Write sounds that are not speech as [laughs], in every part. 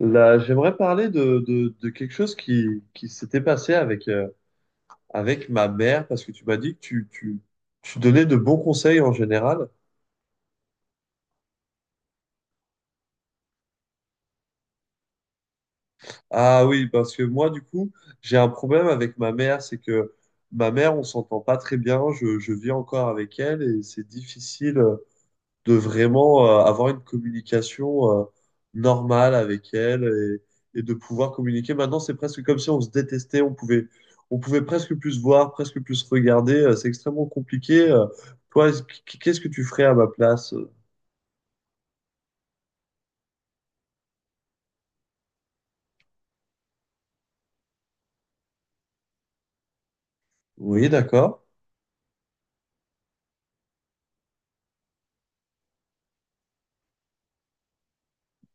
Là, j'aimerais parler de quelque chose qui s'était passé avec, avec ma mère, parce que tu m'as dit que tu donnais de bons conseils en général. Ah oui, parce que moi, du coup, j'ai un problème avec ma mère, c'est que ma mère, on s'entend pas très bien, je vis encore avec elle et c'est difficile, de vraiment avoir une communication normale avec elle et de pouvoir communiquer. Maintenant, c'est presque comme si on se détestait, on pouvait presque plus se voir, presque plus se regarder. C'est extrêmement compliqué. Toi, qu'est-ce que tu ferais à ma place? Oui, d'accord.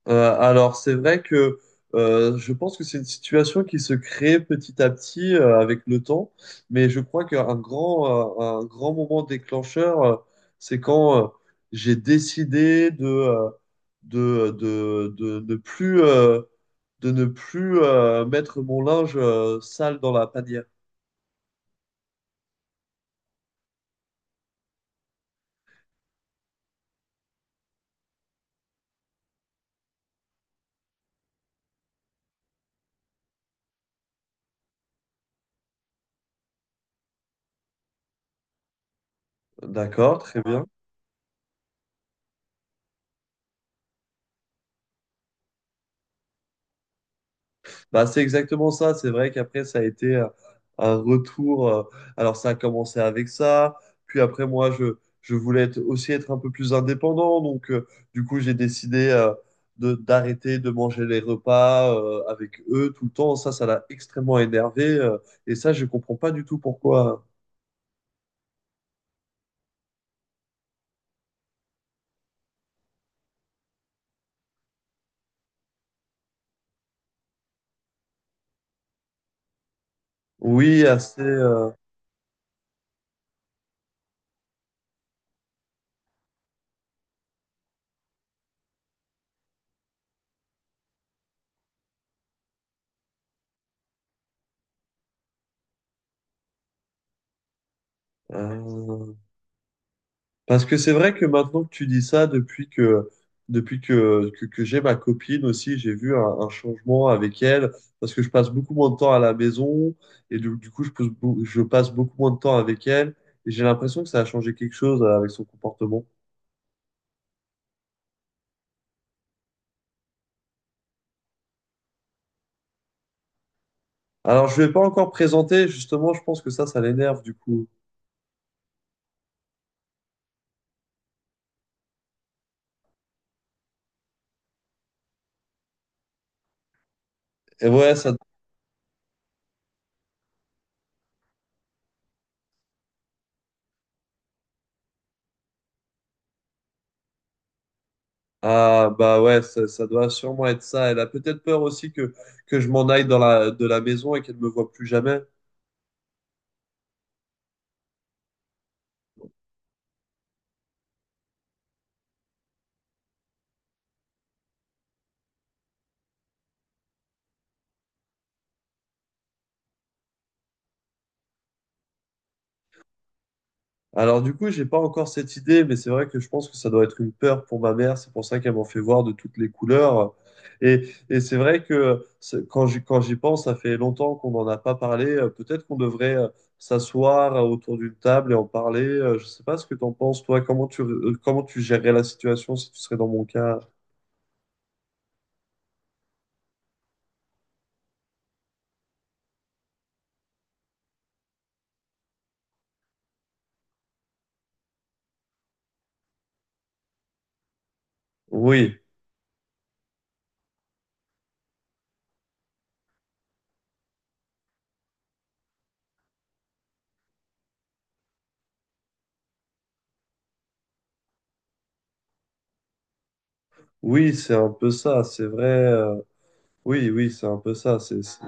Alors, c'est vrai que je pense que c'est une situation qui se crée petit à petit avec le temps, mais je crois qu'un grand, un grand moment déclencheur, c'est quand j'ai décidé ne plus, de ne plus mettre mon linge sale dans la panière. D'accord, très bien. Bah, c'est exactement ça. C'est vrai qu'après, ça a été un retour. Alors, ça a commencé avec ça. Puis après, je voulais aussi être un peu plus indépendant. Donc, du coup, j'ai décidé de, d'arrêter de manger les repas avec eux tout le temps. Ça l'a extrêmement énervé, et ça, je comprends pas du tout pourquoi. Oui, assez. Euh, Parce que c'est vrai que maintenant que tu dis ça, que j'ai ma copine aussi, j'ai vu un changement avec elle, parce que je passe beaucoup moins de temps à la maison, et du coup, je passe beaucoup moins de temps avec elle, et j'ai l'impression que ça a changé quelque chose avec son comportement. Alors, je ne vais pas encore présenter, justement, je pense que ça l'énerve, du coup. Et ouais, ça, ah, bah ouais, ça doit sûrement être ça. Elle a peut-être peur aussi que je m'en aille dans de la maison et qu'elle ne me voit plus jamais. Alors du coup, j'ai pas encore cette idée, mais c'est vrai que je pense que ça doit être une peur pour ma mère. C'est pour ça qu'elle m'en fait voir de toutes les couleurs. Et c'est vrai que quand quand j'y pense, ça fait longtemps qu'on n'en a pas parlé. Peut-être qu'on devrait s'asseoir autour d'une table et en parler. Je sais pas ce que t'en penses, toi. Comment comment tu gérerais la situation si tu serais dans mon cas? Oui, oui, c'est un peu ça. C'est vrai. Oui, oui, c'est un peu ça.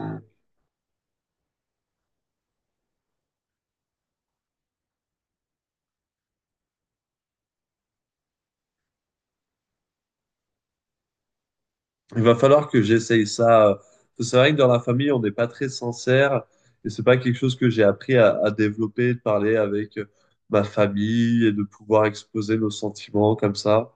Il va falloir que j'essaye ça. C'est vrai que dans la famille, on n'est pas très sincère et c'est pas quelque chose que j'ai appris à développer, de parler avec ma famille et de pouvoir exposer nos sentiments comme ça.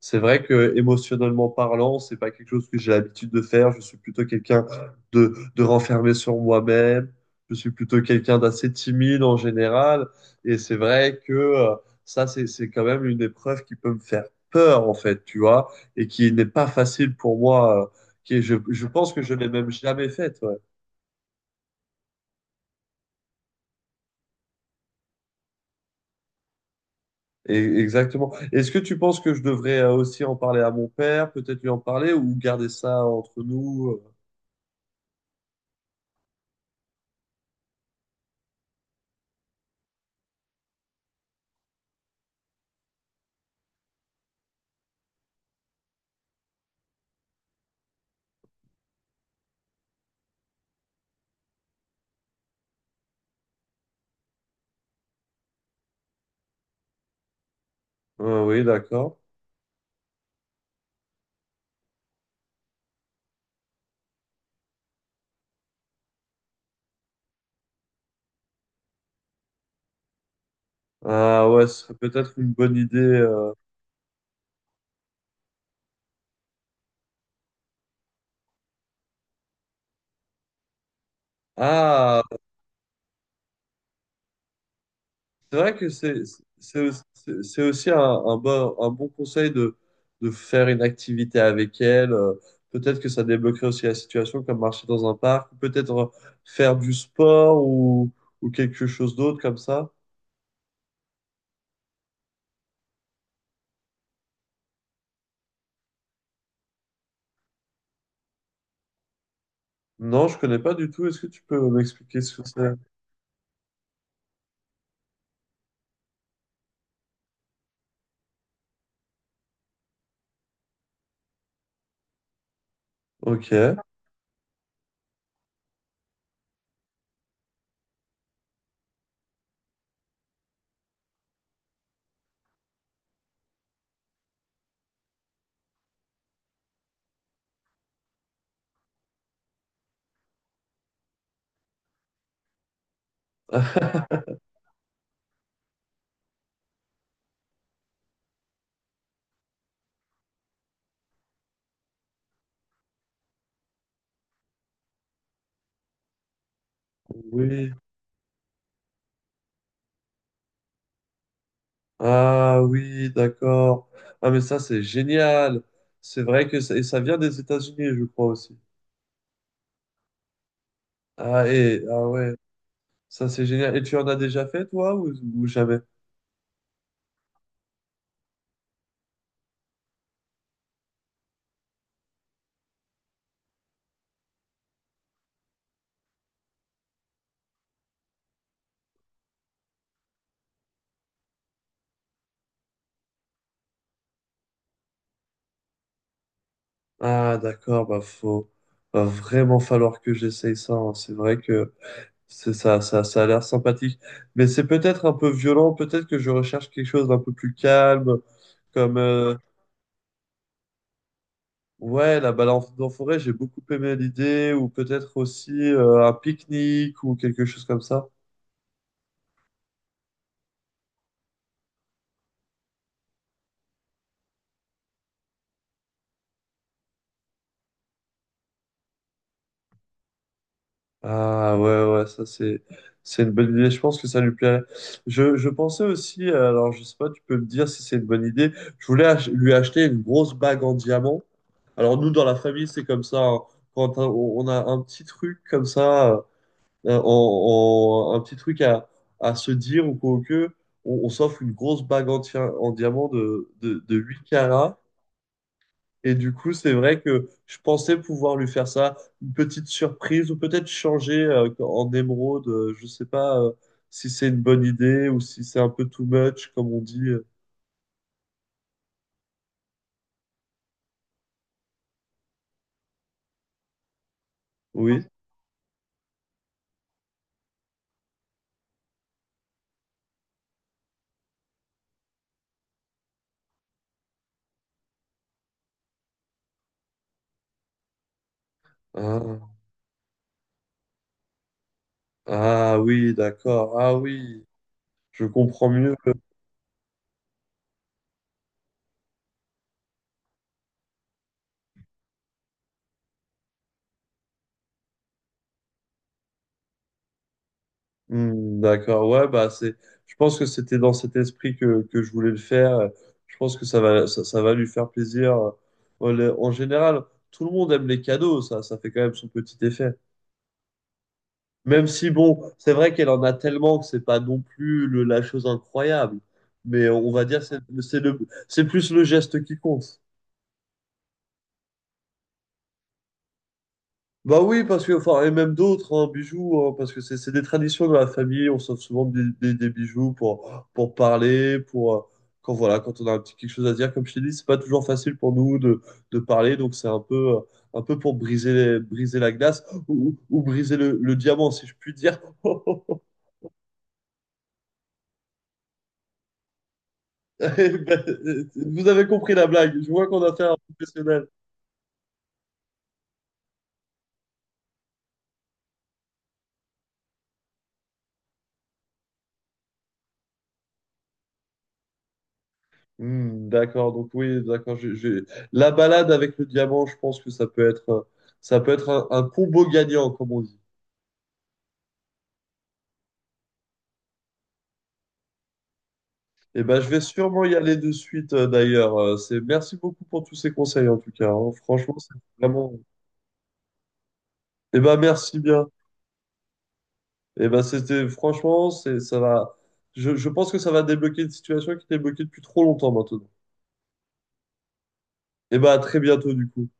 C'est vrai que émotionnellement parlant, c'est pas quelque chose que j'ai l'habitude de faire. Je suis plutôt quelqu'un de renfermé sur moi-même. Je suis plutôt quelqu'un d'assez timide en général. Et c'est vrai que c'est quand même une épreuve qui peut me faire peur, en fait, tu vois et qui n'est pas facile pour moi, je pense que je l'ai même jamais faite. Ouais. Et, exactement. Est-ce que tu penses que je devrais aussi en parler à mon père, peut-être lui en parler ou garder ça entre nous? Ah oui, d'accord. Ah ouais, ce serait peut-être une bonne idée. Ah. C'est vrai que c'est aussi un bon conseil de faire une activité avec elle. Peut-être que ça débloquerait aussi la situation, comme marcher dans un parc, ou peut-être faire du sport ou quelque chose d'autre comme ça. Non, je connais pas du tout. Est-ce que tu peux m'expliquer ce que c'est? Ok. [laughs] Oui. Ah oui, d'accord. Ah mais ça c'est génial. C'est vrai que ça, et ça vient des États-Unis, je crois aussi. Ah et ah ouais. Ça, c'est génial. Et tu en as déjà fait, toi, ou jamais? Ah, d'accord, bah, va vraiment falloir que j'essaye ça, hein. C'est vrai que ça a l'air sympathique. Mais c'est peut-être un peu violent. Peut-être que je recherche quelque chose d'un peu plus calme, comme, ouais, la balade en en forêt, j'ai beaucoup aimé l'idée, ou peut-être aussi, un pique-nique ou quelque chose comme ça. Ah ouais, ouais, ça c'est une bonne idée. Je pense que ça lui plairait. Je pensais aussi, alors je sais pas, tu peux me dire si c'est une bonne idée. Je voulais lui acheter une grosse bague en diamant. Alors nous, dans la famille, c'est comme ça, hein. On a un petit truc comme ça, un petit truc à se dire ou quoi que, on s'offre une grosse bague en, en diamant de 8 carats. Et du coup, c'est vrai que je pensais pouvoir lui faire ça, une petite surprise, ou peut-être changer en émeraude. Je sais pas si c'est une bonne idée ou si c'est un peu too much, comme on dit. Oui. Ah, ah oui, d'accord. Ah oui, je comprends mieux. Hmm, d'accord. Ouais, bah c'est. Je pense que c'était dans cet esprit que je voulais le faire. Je pense que ça va lui faire plaisir. Voilà. En général, tout le monde aime les cadeaux. Ça fait quand même son petit effet. Même si, bon, c'est vrai qu'elle en a tellement que c'est pas non plus la chose incroyable. Mais on va dire c'est plus le geste qui compte. Bah oui, parce que, enfin, et même d'autres, hein, bijoux, hein, parce que c'est des traditions de la famille, on s'offre souvent des bijoux pour parler, pour, quand voilà, quand on a un petit quelque chose à dire, comme je t'ai dit, c'est pas toujours facile pour nous de parler, donc c'est un peu pour briser, briser la glace ou briser le diamant, si je puis dire. [laughs] [laughs] Eh ben, vous avez compris la blague. Je vois qu'on a fait un professionnel. Hmm, d'accord, donc oui, d'accord. La balade avec le diamant, je pense que ça peut être un combo gagnant, comme on dit. Et ben, je vais sûrement y aller de suite, d'ailleurs. C'est, merci beaucoup pour tous ces conseils, en tout cas, hein. Franchement, c'est vraiment. Et ben, merci bien. Et ben, c'était, franchement, c'est, ça va. Je pense que ça va débloquer une situation qui était bloquée depuis trop longtemps maintenant. Et ben, à très bientôt, du coup.